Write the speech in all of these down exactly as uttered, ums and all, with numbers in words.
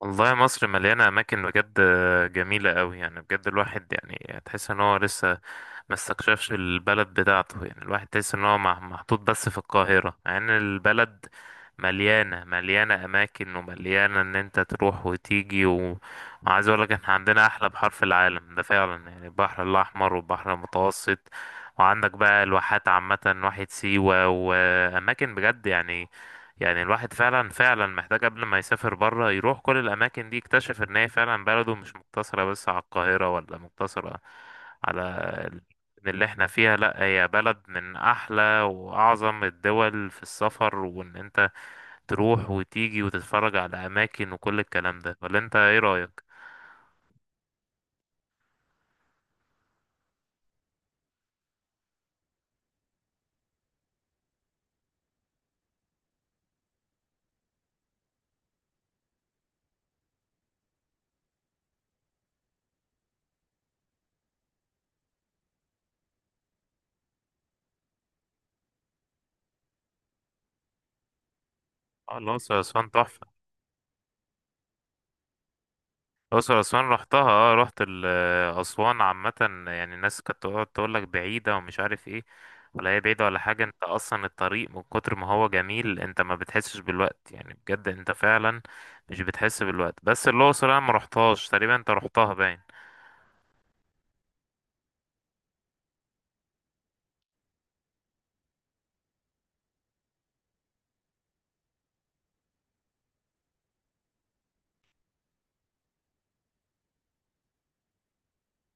والله مصر مليانة أماكن بجد جميلة أوي، يعني بجد الواحد يعني تحس إن هو لسه ما استكشفش البلد بتاعته. يعني الواحد تحس ان هو مح- محطوط بس في القاهرة، مع ان البلد مليانة مليانة اماكن ومليانة ان انت تروح وتيجي و... وعايز اقول لك، احنا عندنا احلى بحر في العالم ده فعلا، يعني البحر الاحمر والبحر المتوسط، وعندك بقى الواحات عامة، واحة سيوة واماكن بجد يعني يعني الواحد فعلا فعلا محتاج قبل ما يسافر بره يروح كل الاماكن دي، يكتشف ان هي فعلا بلده مش مقتصرة بس على القاهرة، ولا مقتصرة على اللي احنا فيها. لا، هي بلد من احلى واعظم الدول في السفر، وان انت تروح وتيجي وتتفرج على اماكن وكل الكلام ده. ولا انت ايه رايك؟ اه الاقصر اسوان تحفه. الاقصر اسوان رحتها، اه رحت ال- آه، اسوان عامه. يعني الناس كانت تقعد تقول لك بعيده ومش عارف ايه، ولا هي بعيده ولا حاجه. انت اصلا الطريق من كتر ما هو جميل انت ما بتحسش بالوقت، يعني بجد انت فعلا مش بتحس بالوقت. بس الاقصر انا ما رحتهاش تقريبا، انت رحتها باين.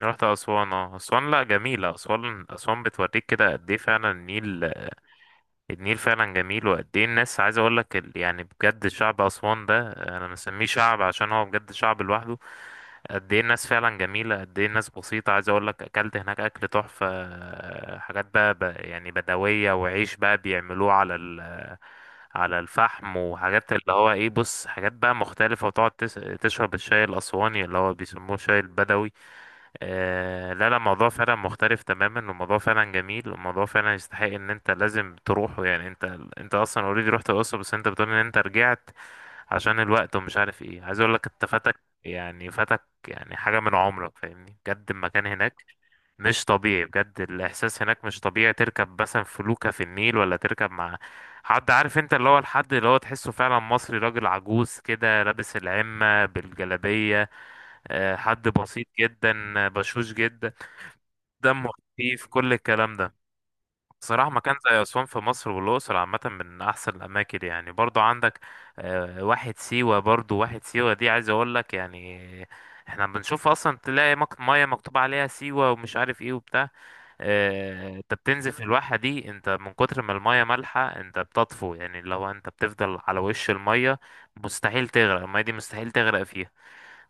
رحت أسوان، اه أسوان لأ جميلة. أسوان أسوان بتوريك كده قد إيه فعلا النيل. النيل فعلا جميل، وقد إيه الناس. عايز أقولك ال... يعني بجد شعب أسوان ده أنا مسميه شعب، عشان هو بجد شعب لوحده. قد إيه الناس فعلا جميلة، قد إيه الناس بسيطة. عايز أقولك أكلت هناك أكل تحفة، آه، حاجات بقى ب... يعني بدوية، وعيش بقى بيعملوه على ال... على الفحم، وحاجات اللي هو إيه، بص حاجات بقى مختلفة، وتقعد تس... تشرب الشاي الأسواني اللي هو بيسموه الشاي البدوي. آه لا لا، الموضوع فعلا مختلف تماما، والموضوع فعلا جميل، والموضوع فعلا يستحق ان انت لازم تروحه. يعني انت انت اصلا اوريدي رحت الاقصر، بس انت بتقول ان انت رجعت عشان الوقت ومش عارف ايه. عايز اقول لك انت فاتك، يعني فاتك يعني حاجة من عمرك، فاهمني. بجد المكان هناك مش طبيعي، بجد الاحساس هناك مش طبيعي. تركب مثلا فلوكة في النيل، ولا تركب مع حد، عارف انت اللي هو الحد اللي هو تحسه فعلا مصري، راجل عجوز كده لابس العمة بالجلابية، آه، حد بسيط جدا، آه، بشوش جدا، دمه خفيف كل الكلام ده. صراحة مكان زي أسوان في مصر والأقصر عامة من أحسن الأماكن، يعني برضو عندك آه، واحد سيوة. برضو واحد سيوة دي عايز أقول لك، يعني احنا بنشوف أصلا تلاقي مك- مية مكتوب عليها سيوة ومش عارف ايه وبتاع. آه، انت بتنزل في الواحة دي، انت من كتر ما المية مالحة انت بتطفو. يعني لو انت بتفضل على وش المية، مستحيل تغرق. المية دي مستحيل تغرق فيها.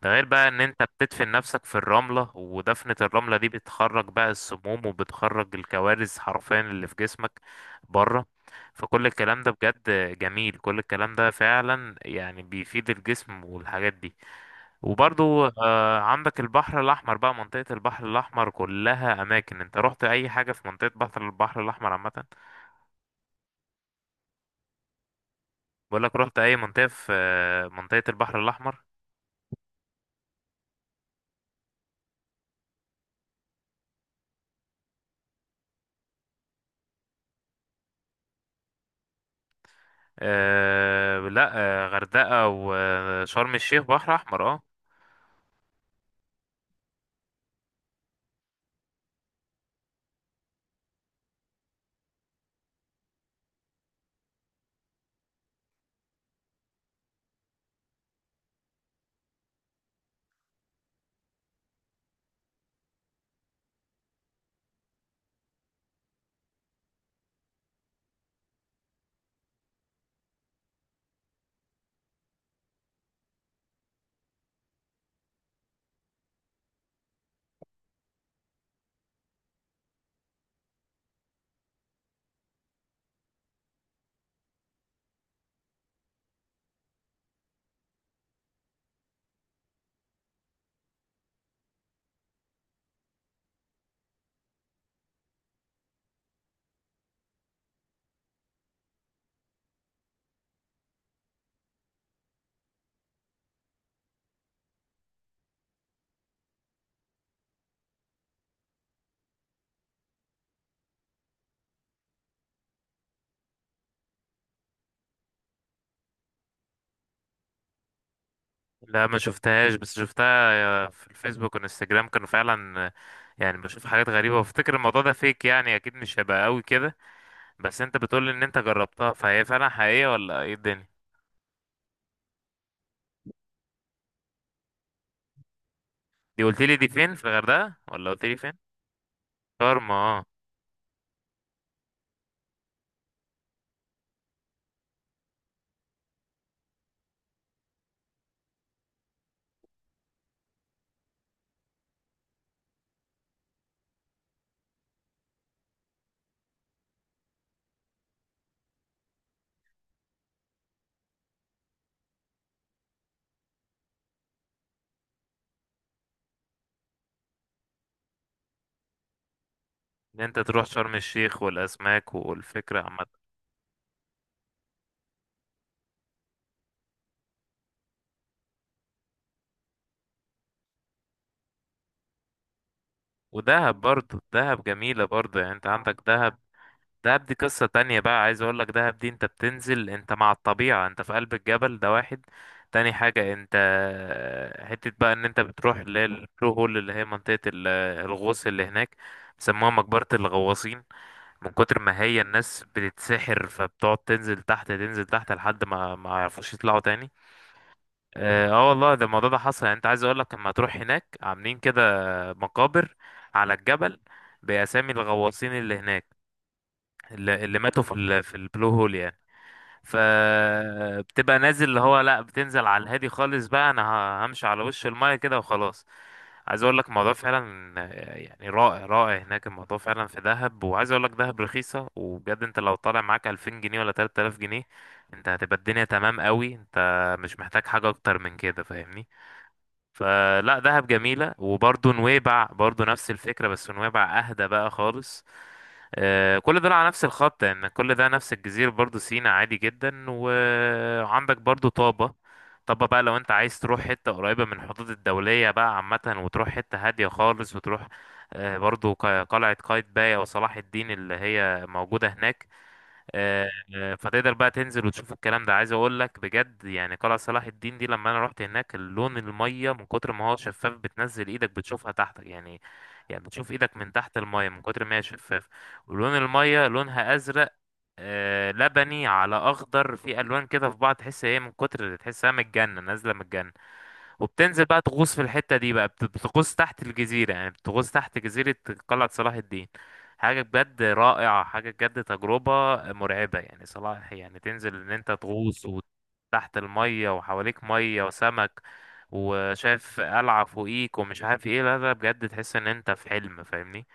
ده غير بقى ان انت بتدفن نفسك في الرملة، ودفنة الرملة دي بتخرج بقى السموم، وبتخرج الكوارث حرفيا اللي في جسمك بره. فكل الكلام ده بجد جميل، كل الكلام ده فعلا يعني بيفيد الجسم والحاجات دي. وبرضو آه عندك البحر الأحمر بقى، منطقة البحر الأحمر كلها أماكن. انت رحت أي حاجة في منطقة بحر البحر الأحمر عامة؟ بقولك رحت أي منطقة في آه، منطقة البحر الأحمر؟ آه لا، آه غردقة وشرم الشيخ بحر أحمر آه. لا ما شفتهاش، بس شفتها في الفيسبوك والانستجرام، كانوا فعلا يعني بشوف حاجات غريبة وافتكر الموضوع ده فيك، يعني اكيد مش هيبقى قوي كده، بس انت بتقول ان انت جربتها، فهي فعلا حقيقية ولا ايه الدنيا؟ دي قلت لي دي فين، في الغردقة ولا قلت لي فين؟ شرم اه. ان انت تروح شرم الشيخ والاسماك والفكرة عامة. ودهب برضه، دهب جميلة برضه، يعني انت عندك دهب. دهب دي قصة تانية بقى، عايز اقول لك دهب دي انت بتنزل انت مع الطبيعة، انت في قلب الجبل، ده واحد تاني. حاجة انت حتة بقى ان انت بتروح اللي هي البلو هول، اللي هي منطقة ال- الغوص اللي هناك، بيسموها مقبرة الغواصين، من كتر ما هي الناس بتتسحر، فبتقعد تنزل تحت تنزل تحت لحد ما ما يعرفوش يطلعوا تاني. اه آه والله ده الموضوع ده حصل. يعني انت عايز اقول لك لما تروح هناك، عاملين كده مقابر على الجبل بأسامي الغواصين اللي هناك، اللي اللي ماتوا في ال- في البلو هول يعني. فبتبقى نازل اللي هو، لا، بتنزل على الهادي خالص بقى، انا ه- همشي على وش المايه كده وخلاص. عايز اقول لك الموضوع فعلا آه، يعني رائع رائع هناك، الموضوع فعلا في دهب. وعايز اقول لك دهب رخيصه، وبجد انت لو طالع معاك ألفين جنيه ولا تلات آلاف جنيه انت هتبقى الدنيا تمام قوي، انت مش محتاج حاجه اكتر من كده، فاهمني. فلا دهب جميلة، وبرضه نويبع برضه نفس الفكرة، بس نويبع أهدى بقى خالص. آه، كل ده على نفس الخط، يعني كل ده نفس الجزيرة برضه، سينا عادي جدا. وعندك برضه طابة. طابة بقى لو انت عايز تروح حتة قريبة من الحدود الدولية بقى عامة، وتروح حتة هادية خالص، وتروح آه، برضه ق- قلعة قايتباي أو صلاح الدين اللي هي موجودة هناك. آه، آه، فتقدر بقى تنزل وتشوف الكلام ده. عايز اقول لك بجد، يعني قلعة صلاح الدين دي لما انا رحت هناك، اللون المية من كتر ما هو شفاف، بتنزل ايدك بتشوفها تحتك يعني. يعني بتشوف ايدك من تحت المية من كتر ما هي شفاف. ولون المية لونها ازرق آه، لبني على اخضر، في الوان كده في بعض، تحس هي من كتر تحسها من الجنة، نازلة من الجنة. وبتنزل بقى تغوص في الحتة دي بقى، بت- بتغوص تحت الجزيرة، يعني بتغوص تحت جزيرة قلعة صلاح الدين. حاجة بجد رائعة، حاجة بجد تجربة مرعبة، يعني صلاح يعني تنزل ان انت تغوص وتحت المية وحواليك مية وسمك وشايف قلعة فوقيك ومش عارف ايه. لا لا، بجد تحس ان انت في حلم، فاهمني.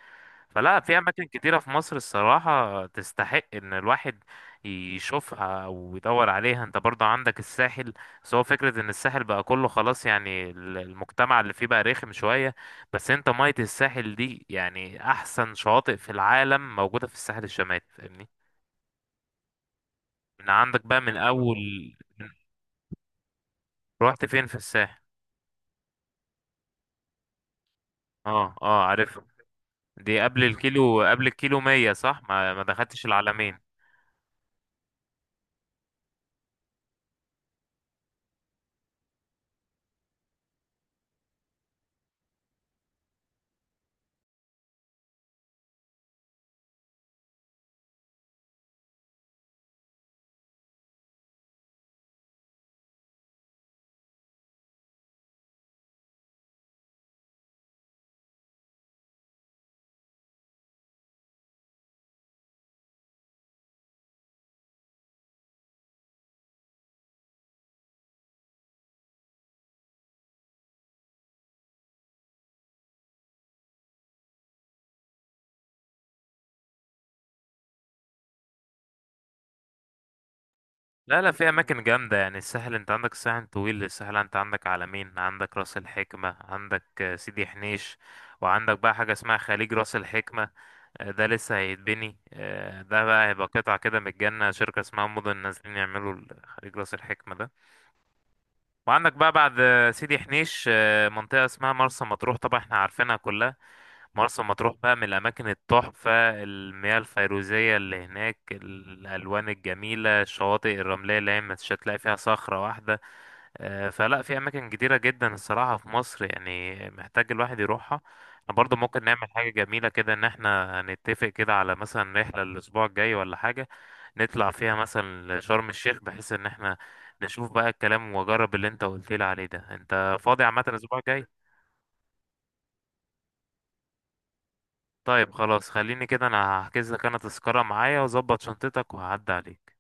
فلا في اماكن كتيرة في مصر الصراحة تستحق ان الواحد يشوفها او يدور عليها. انت برضه عندك الساحل، بس هو فكرة ان الساحل بقى كله خلاص، يعني ال- المجتمع اللي فيه بقى رخم شوية، بس انت مية الساحل دي يعني احسن شواطئ في العالم موجودة في الساحل الشمالي، فاهمني. من عندك بقى من اول من- رحت فين في الساحل؟ اه اه، عارفها، دي قبل الكيلو قبل الكيلو مية صح؟ ما ما دخلتش العلمين. لا لا، في اماكن جامده، يعني الساحل انت عندك الساحل طويل. الساحل انت عندك عالمين، عندك راس الحكمه، عندك آه، سيدي حنيش. وعندك بقى حاجه اسمها خليج راس الحكمه، آه، ده لسه هيتبني. آه، ده بقى هيبقى قطعه كده من الجنه، شركه اسمها مدن نازلين يعملوا ال- خليج راس الحكمه ده. وعندك بقى بعد آه، سيدي حنيش آه، منطقه اسمها مرسى مطروح، طبعا احنا عارفينها كلها. مرسى مطروح بقى من الأماكن التحفة، المياه الفيروزية اللي هناك، الألوان الجميلة، الشواطئ الرملية اللي هي مش هتلاقي فيها صخرة واحدة. آه، فلا في أماكن كتيرة جدا الصراحة في مصر، يعني محتاج الواحد يروحها. احنا برضه ممكن نعمل حاجة جميلة كده، إن احنا نتفق كده على مثلا رحلة الأسبوع الجاي ولا حاجة، نطلع فيها مثلا شرم الشيخ، بحيث إن احنا نشوف بقى الكلام وأجرب اللي أنت قلت لي عليه ده. أنت فاضي عامة الأسبوع الجاي؟ طيب خلاص، خليني كده انا هحجز لك انا تذكرة معايا، واظبط شنطتك وهعدي عليك.